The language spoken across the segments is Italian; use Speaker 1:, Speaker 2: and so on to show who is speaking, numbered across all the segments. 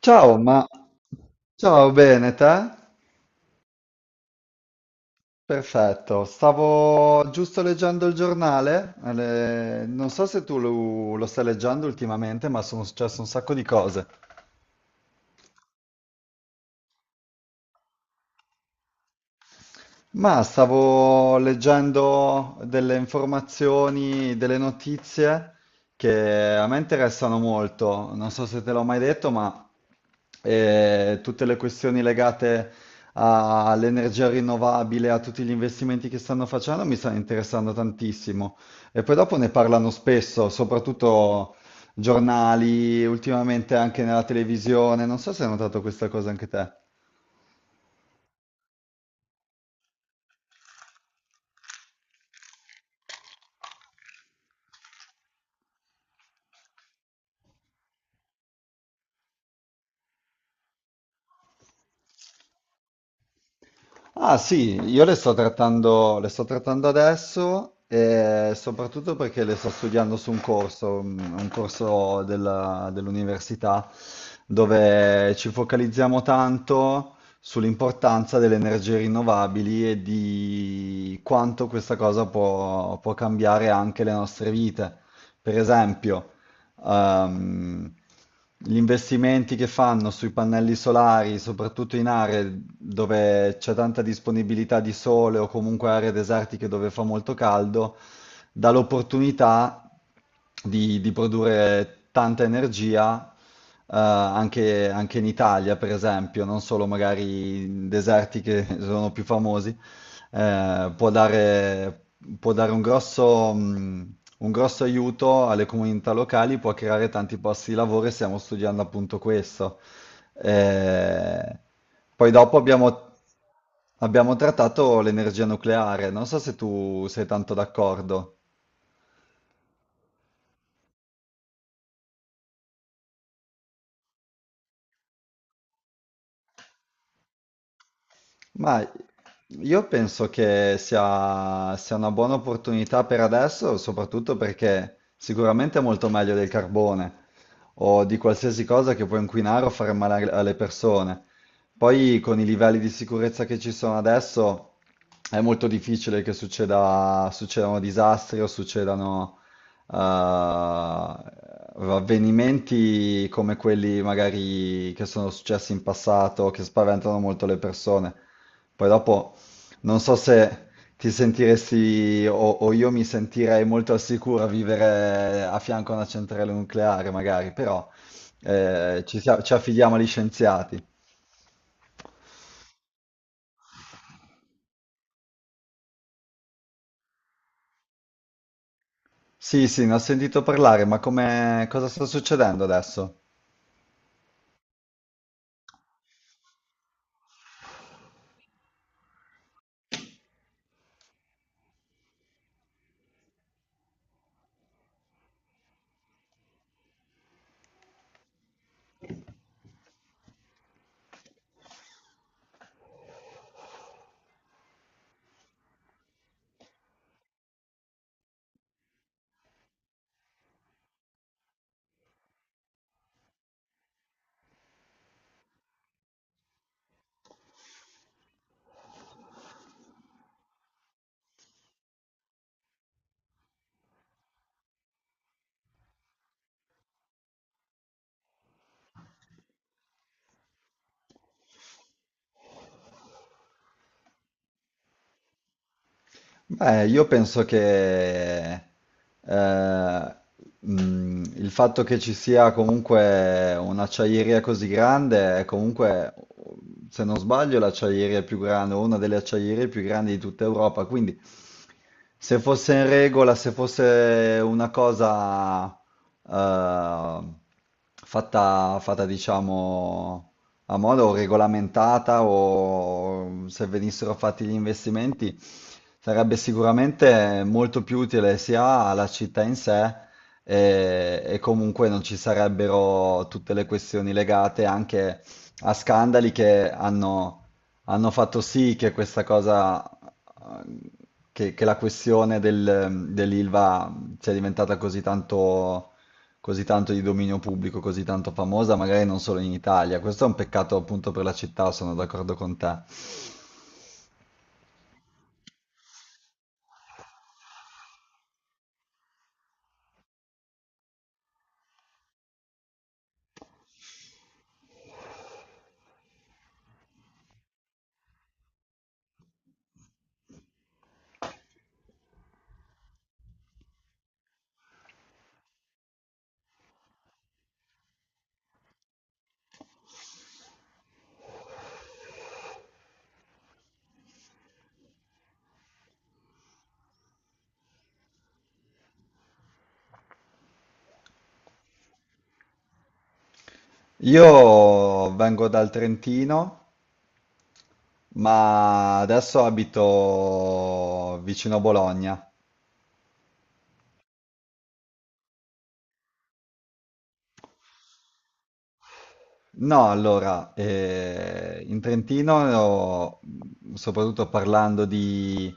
Speaker 1: Ciao, ma ciao, bene, te? Perfetto, stavo giusto leggendo il giornale, non so se tu lo stai leggendo ultimamente, ma sono successe un sacco di cose. Ma stavo leggendo delle informazioni, delle notizie che a me interessano molto. Non so se te l'ho mai detto, ma tutte le questioni legate all'energia rinnovabile, a tutti gli investimenti che stanno facendo, mi stanno interessando tantissimo. E poi dopo ne parlano spesso, soprattutto giornali, ultimamente anche nella televisione. Non so se hai notato questa cosa anche te. Ah sì, io le sto trattando adesso e soprattutto perché le sto studiando su un corso, un corso dell'università dove ci focalizziamo tanto sull'importanza delle energie rinnovabili e di quanto questa cosa può cambiare anche le nostre vite. Per esempio, ehm, gli investimenti che fanno sui pannelli solari, soprattutto in aree dove c'è tanta disponibilità di sole o comunque aree desertiche dove fa molto caldo, dà l'opportunità di produrre tanta energia anche in Italia, per esempio, non solo magari in deserti che sono più famosi. eh, può dare, Può dare un un grosso aiuto alle comunità locali, può creare tanti posti di lavoro e stiamo studiando appunto questo. Eh, poi dopo abbiamo, Abbiamo trattato l'energia nucleare, non so se tu sei tanto d'accordo. Ma io penso che sia una buona opportunità per adesso, soprattutto perché sicuramente è molto meglio del carbone o di qualsiasi cosa che può inquinare o fare male alle persone. Poi con i livelli di sicurezza che ci sono adesso è molto difficile che succedano disastri o succedano avvenimenti come quelli magari che sono successi in passato, che spaventano molto le persone. Poi dopo non so se ti sentiresti o io mi sentirei molto al sicuro a vivere a fianco a una centrale nucleare, magari, però ci affidiamo agli scienziati. Sì, sì, ne ho sentito parlare, ma come, cosa sta succedendo adesso? Beh, io penso che eh, il fatto che ci sia comunque un'acciaieria così grande è comunque, se non sbaglio, l'acciaieria più grande, o una delle acciaierie più grandi di tutta Europa. Quindi, se fosse in regola, se fosse una cosa eh, fatta, diciamo, a modo regolamentata, o se venissero fatti gli investimenti, sarebbe sicuramente molto più utile sia alla città in sé e comunque non ci sarebbero tutte le questioni legate anche a scandali hanno fatto sì che questa eh, che la questione dell'Ilva sia diventata così tanto, così tanto di dominio pubblico, così tanto famosa, magari non solo in Italia. Questo è un peccato appunto per la città, sono d'accordo con te. Io vengo dal Trentino, ma adesso abito vicino a Bologna. No, allora, in Trentino, soprattutto parlando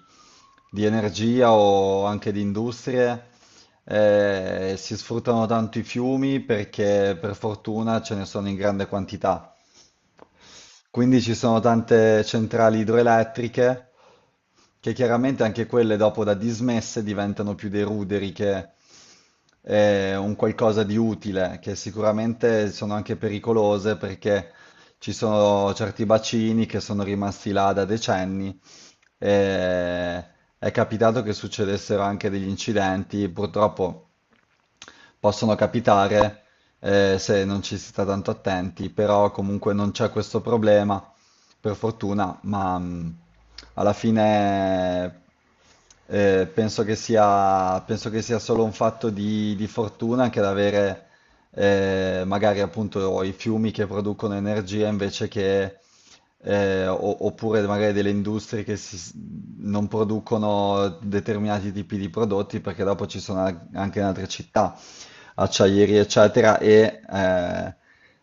Speaker 1: di energia o anche di industrie, si sfruttano tanto i fiumi perché per fortuna ce ne sono in grande quantità. Quindi ci sono tante centrali idroelettriche che chiaramente anche quelle dopo da dismesse diventano più dei ruderi che un qualcosa di utile, che sicuramente sono anche pericolose perché ci sono certi bacini che sono rimasti là da decenni. E è capitato che succedessero anche degli incidenti, purtroppo possono capitare se non ci si sta tanto attenti, però comunque non c'è questo problema, per fortuna, ma alla fine penso che sia solo un fatto di fortuna anche ad avere magari appunto i fiumi che producono energia invece che oppure magari delle industrie che non producono determinati tipi di prodotti perché dopo ci sono anche in altre città acciaieri, eccetera, e, eh,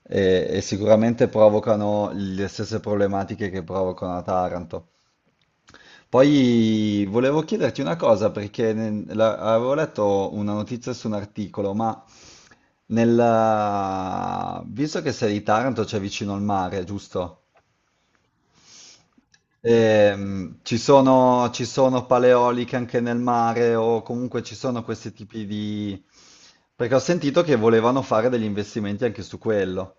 Speaker 1: e- e sicuramente provocano le stesse problematiche che provocano a Taranto. Poi volevo chiederti una cosa, perché avevo letto una notizia su un articolo, ma visto che sei di Taranto, c'è vicino al mare, giusto? Ci sono paleoliche anche nel mare o comunque ci sono questi tipi di... Perché ho sentito che volevano fare degli investimenti anche su quello.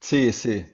Speaker 1: Sì, sì.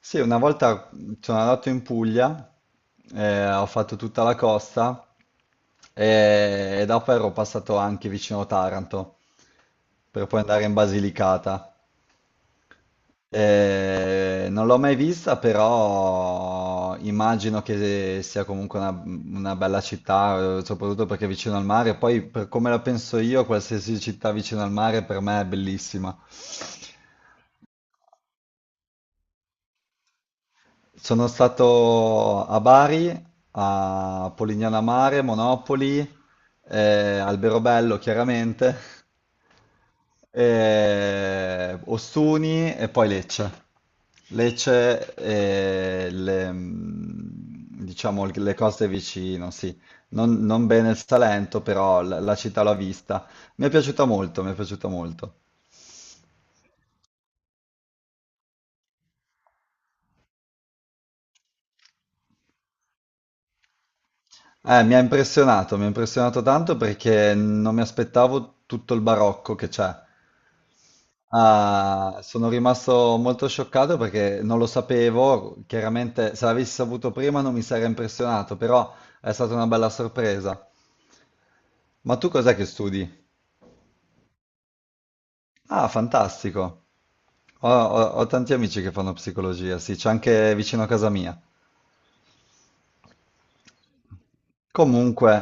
Speaker 1: Sì, una volta sono andato in Puglia, ho fatto tutta la costa e dopo ero passato anche vicino Taranto per poi andare in Basilicata. Non l'ho mai vista, però immagino che sia comunque una bella città, soprattutto perché è vicino al mare. Poi, per come la penso io, qualsiasi città vicino al mare per me è bellissima. Sono stato a Bari, a Polignano a Mare, Monopoli, Alberobello chiaramente. Ostuni e poi Lecce. Lecce e le, mm, diciamo le cose vicino, sì. Non, non bene il Salento, però la città l'ho vista. Mi è piaciuta molto, mi è piaciuta molto. Mi ha impressionato tanto perché non mi aspettavo tutto il barocco che c'è. Ah, sono rimasto molto scioccato perché non lo sapevo, chiaramente se l'avessi saputo prima non mi sarei impressionato, però è stata una bella sorpresa. Ma tu cos'è che studi? Ah, fantastico. Ho tanti amici che fanno psicologia, sì, c'è anche vicino a casa mia. Comunque,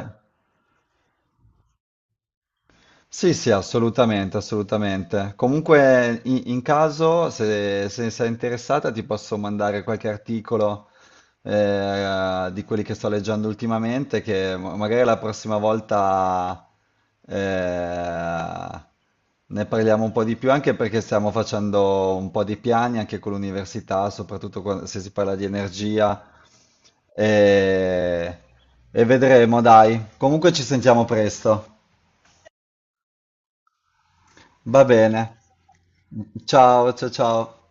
Speaker 1: sì, sì, assolutamente, assolutamente. Comunque, in caso, se sei interessata, ti posso mandare qualche articolo di quelli che sto leggendo ultimamente, che magari la prossima volta eh, ne parliamo un po' di più, anche perché stiamo facendo un po' di piani anche con l'università, soprattutto se si parla di energia. E, e vedremo, dai. Comunque ci sentiamo presto. Va bene. Ciao, ciao, ciao.